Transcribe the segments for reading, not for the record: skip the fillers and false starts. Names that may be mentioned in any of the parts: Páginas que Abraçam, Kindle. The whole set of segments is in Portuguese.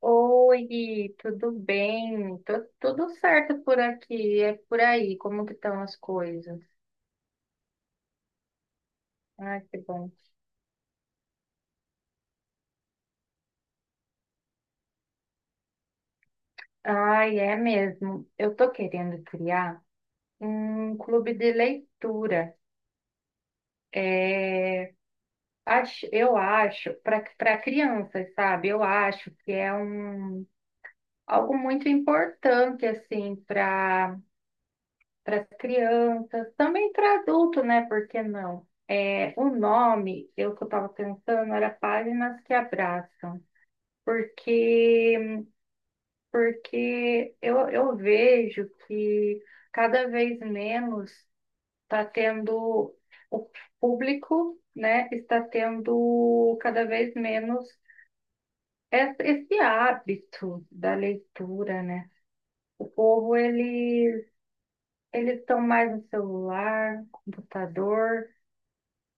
Oi, tudo bem? Tudo certo por aqui, é por aí, como que estão as coisas? Ai, que bom. Ai, é mesmo. Eu tô querendo criar um clube de leitura. Acho, para crianças, sabe? Eu acho que é algo muito importante, assim, para as crianças, também para adulto, né? Por que não? É, o nome, eu que eu estava pensando, era Páginas que Abraçam. Porque, porque eu vejo que cada vez menos está tendo o público, né, está tendo cada vez menos esse hábito da leitura, né? O povo, eles estão mais no celular, computador,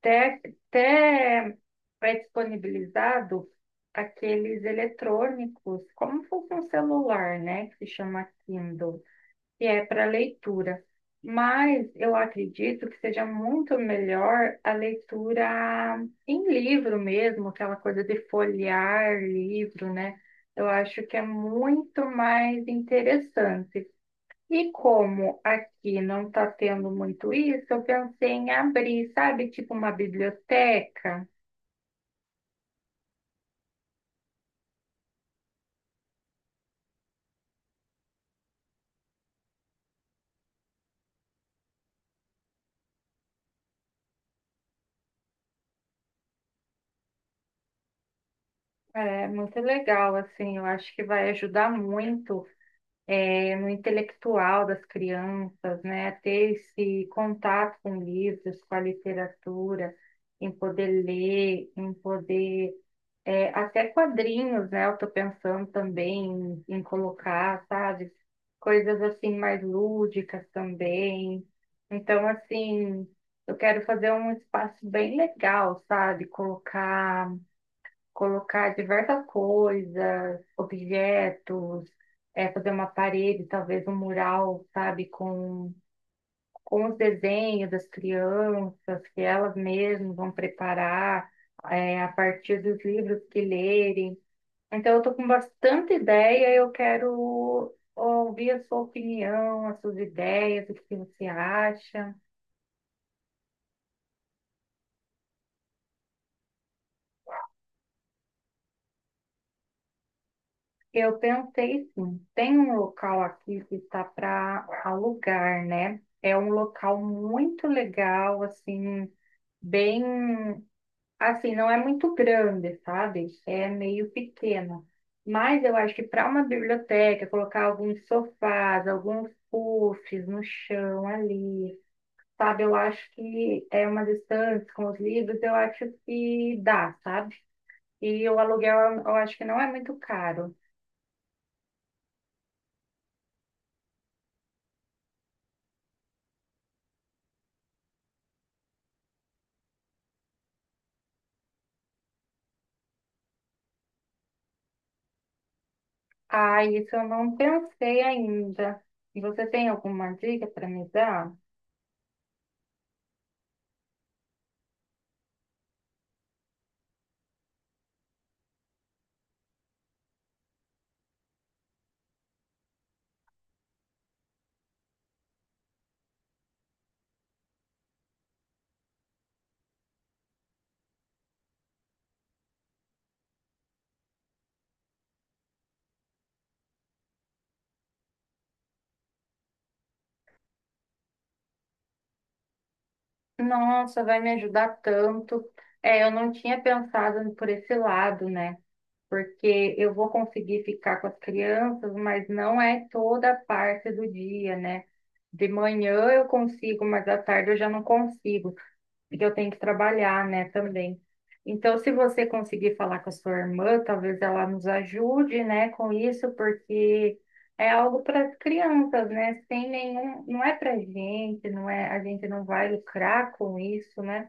até, até pré-disponibilizado aqueles eletrônicos, como se fosse um celular, né, que se chama Kindle, que é para leitura. Mas eu acredito que seja muito melhor a leitura em livro mesmo, aquela coisa de folhear livro, né? Eu acho que é muito mais interessante. E como aqui não está tendo muito isso, eu pensei em abrir, sabe, tipo uma biblioteca. É muito legal, assim, eu acho que vai ajudar muito, no intelectual das crianças, né? Ter esse contato com livros, com a literatura, em poder ler, em poder é, até quadrinhos, né? Eu tô pensando também em colocar, sabe? Coisas assim mais lúdicas também. Então, assim, eu quero fazer um espaço bem legal, sabe? Colocar diversas coisas, objetos, é, fazer uma parede, talvez um mural, sabe? Com os desenhos das crianças, que elas mesmas vão preparar é, a partir dos livros que lerem. Então, eu estou com bastante ideia, eu quero ouvir a sua opinião, as suas ideias, o que você acha. Eu pensei, sim, tem um local aqui que está para alugar, né? É um local muito legal, assim, bem, assim, não é muito grande, sabe? É meio pequeno. Mas eu acho que para uma biblioteca, colocar alguns sofás, alguns puffs no chão ali, sabe? Eu acho que é uma distância com os livros, eu acho que dá, sabe? E o aluguel eu acho que não é muito caro. Ah, isso eu não pensei ainda. Você tem alguma dica para me dar? Nossa, vai me ajudar tanto. É, eu não tinha pensado por esse lado, né? Porque eu vou conseguir ficar com as crianças, mas não é toda a parte do dia, né? De manhã eu consigo, mas à tarde eu já não consigo. Que eu tenho que trabalhar, né, também. Então, se você conseguir falar com a sua irmã, talvez ela nos ajude, né, com isso, porque é algo para as crianças, né? Sem nenhum, não é para gente, não é, a gente não vai lucrar com isso, né?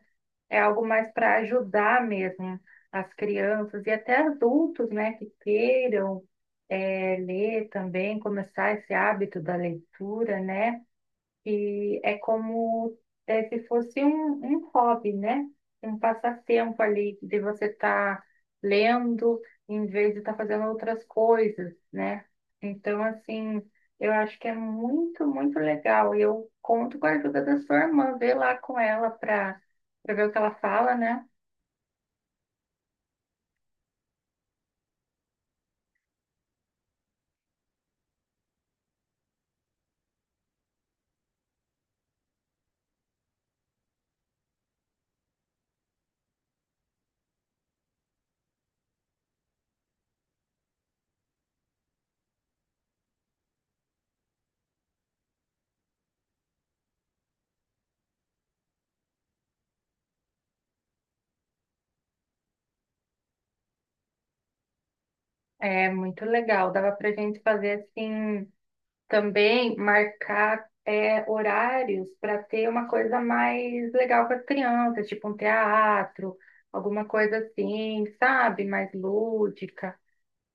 É algo mais para ajudar mesmo as crianças e até adultos, né, que queiram ler também, começar esse hábito da leitura, né? E é como é, se fosse um hobby, né? Um passatempo ali de você estar lendo em vez de estar fazendo outras coisas, né? Então, assim, eu acho que é muito, muito legal. E eu conto com a ajuda da sua irmã, ver lá com ela para para ver o que ela fala, né? É muito legal. Dava para gente fazer assim também marcar é, horários para ter uma coisa mais legal para as crianças, tipo um teatro, alguma coisa assim, sabe? Mais lúdica,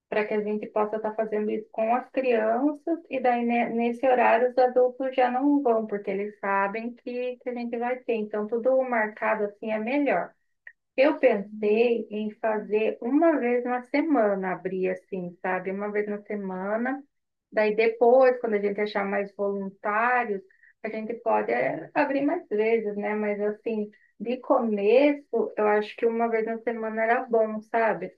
para que a gente possa estar fazendo isso com as crianças, e daí né, nesse horário os adultos já não vão, porque eles sabem que a gente vai ter. Então, tudo marcado assim é melhor. Eu pensei em fazer uma vez na semana, abrir assim, sabe? Uma vez na semana. Daí depois, quando a gente achar mais voluntários, a gente pode é, abrir mais vezes, né? Mas assim, de começo, eu acho que uma vez na semana era bom, sabe?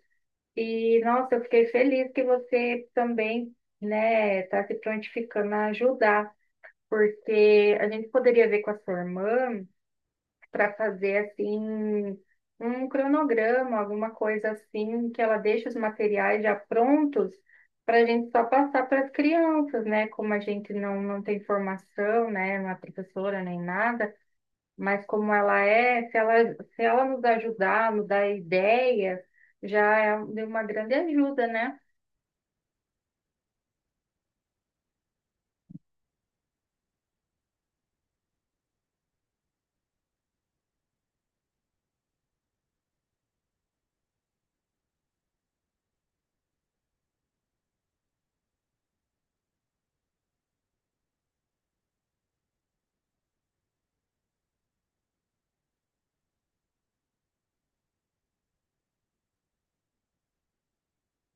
E nossa, eu fiquei feliz que você também, né, tá se prontificando a ajudar, porque a gente poderia ver com a sua irmã para fazer assim um cronograma, alguma coisa assim, que ela deixe os materiais já prontos para a gente só passar para as crianças, né? Como a gente não tem formação, né? Não é professora nem nada, mas como ela é, se ela nos ajudar, nos dar ideias, já é de uma grande ajuda, né?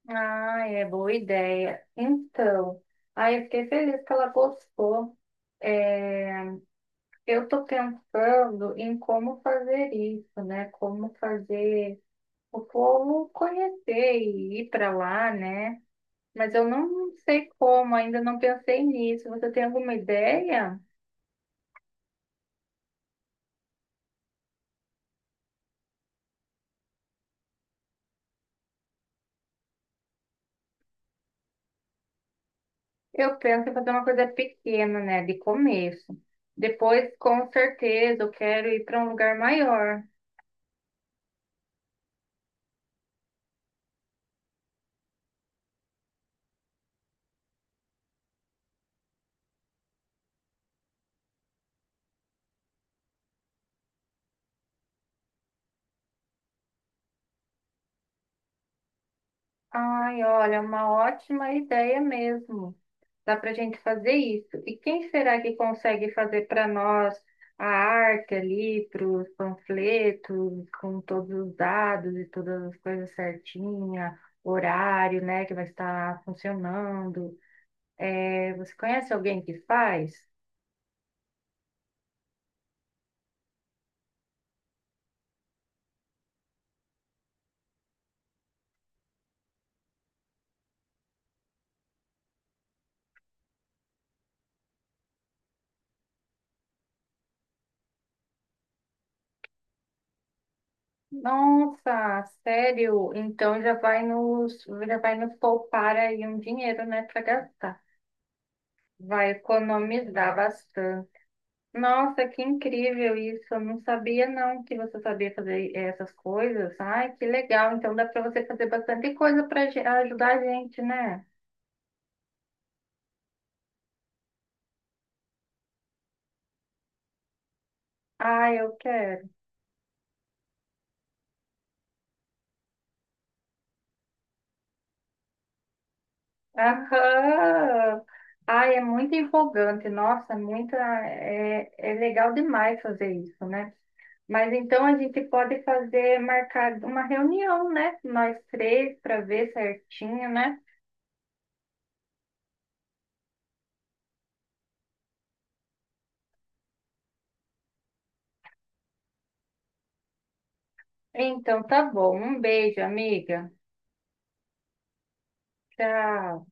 Ah, é boa ideia. Então, aí eu fiquei feliz que ela gostou. Eu estou pensando em como fazer isso, né? Como fazer o povo conhecer e ir para lá, né? Mas eu não sei como, ainda não pensei nisso. Você tem alguma ideia? Eu penso em fazer uma coisa pequena, né? De começo. Depois, com certeza, eu quero ir para um lugar maior. Ai, olha, uma ótima ideia mesmo. Dá para a gente fazer isso. E quem será que consegue fazer para nós a arte ali, para os panfletos, com todos os dados e todas as coisas certinha, horário, né, que vai estar funcionando? É, você conhece alguém que faz? Nossa, sério? Então já vai nos poupar aí um dinheiro, né, para gastar. Vai economizar bastante. Nossa, que incrível isso. Eu não sabia não que você sabia fazer essas coisas. Ai, que legal. Então dá para você fazer bastante coisa para ajudar a gente, né? Ai, eu quero. Aham. Ai, é muito empolgante. Nossa, é muita é, é legal demais fazer isso, né? Mas então a gente pode fazer, marcar uma reunião, né? Nós três para ver certinho, né? Então tá bom. Um beijo, amiga. Tchau.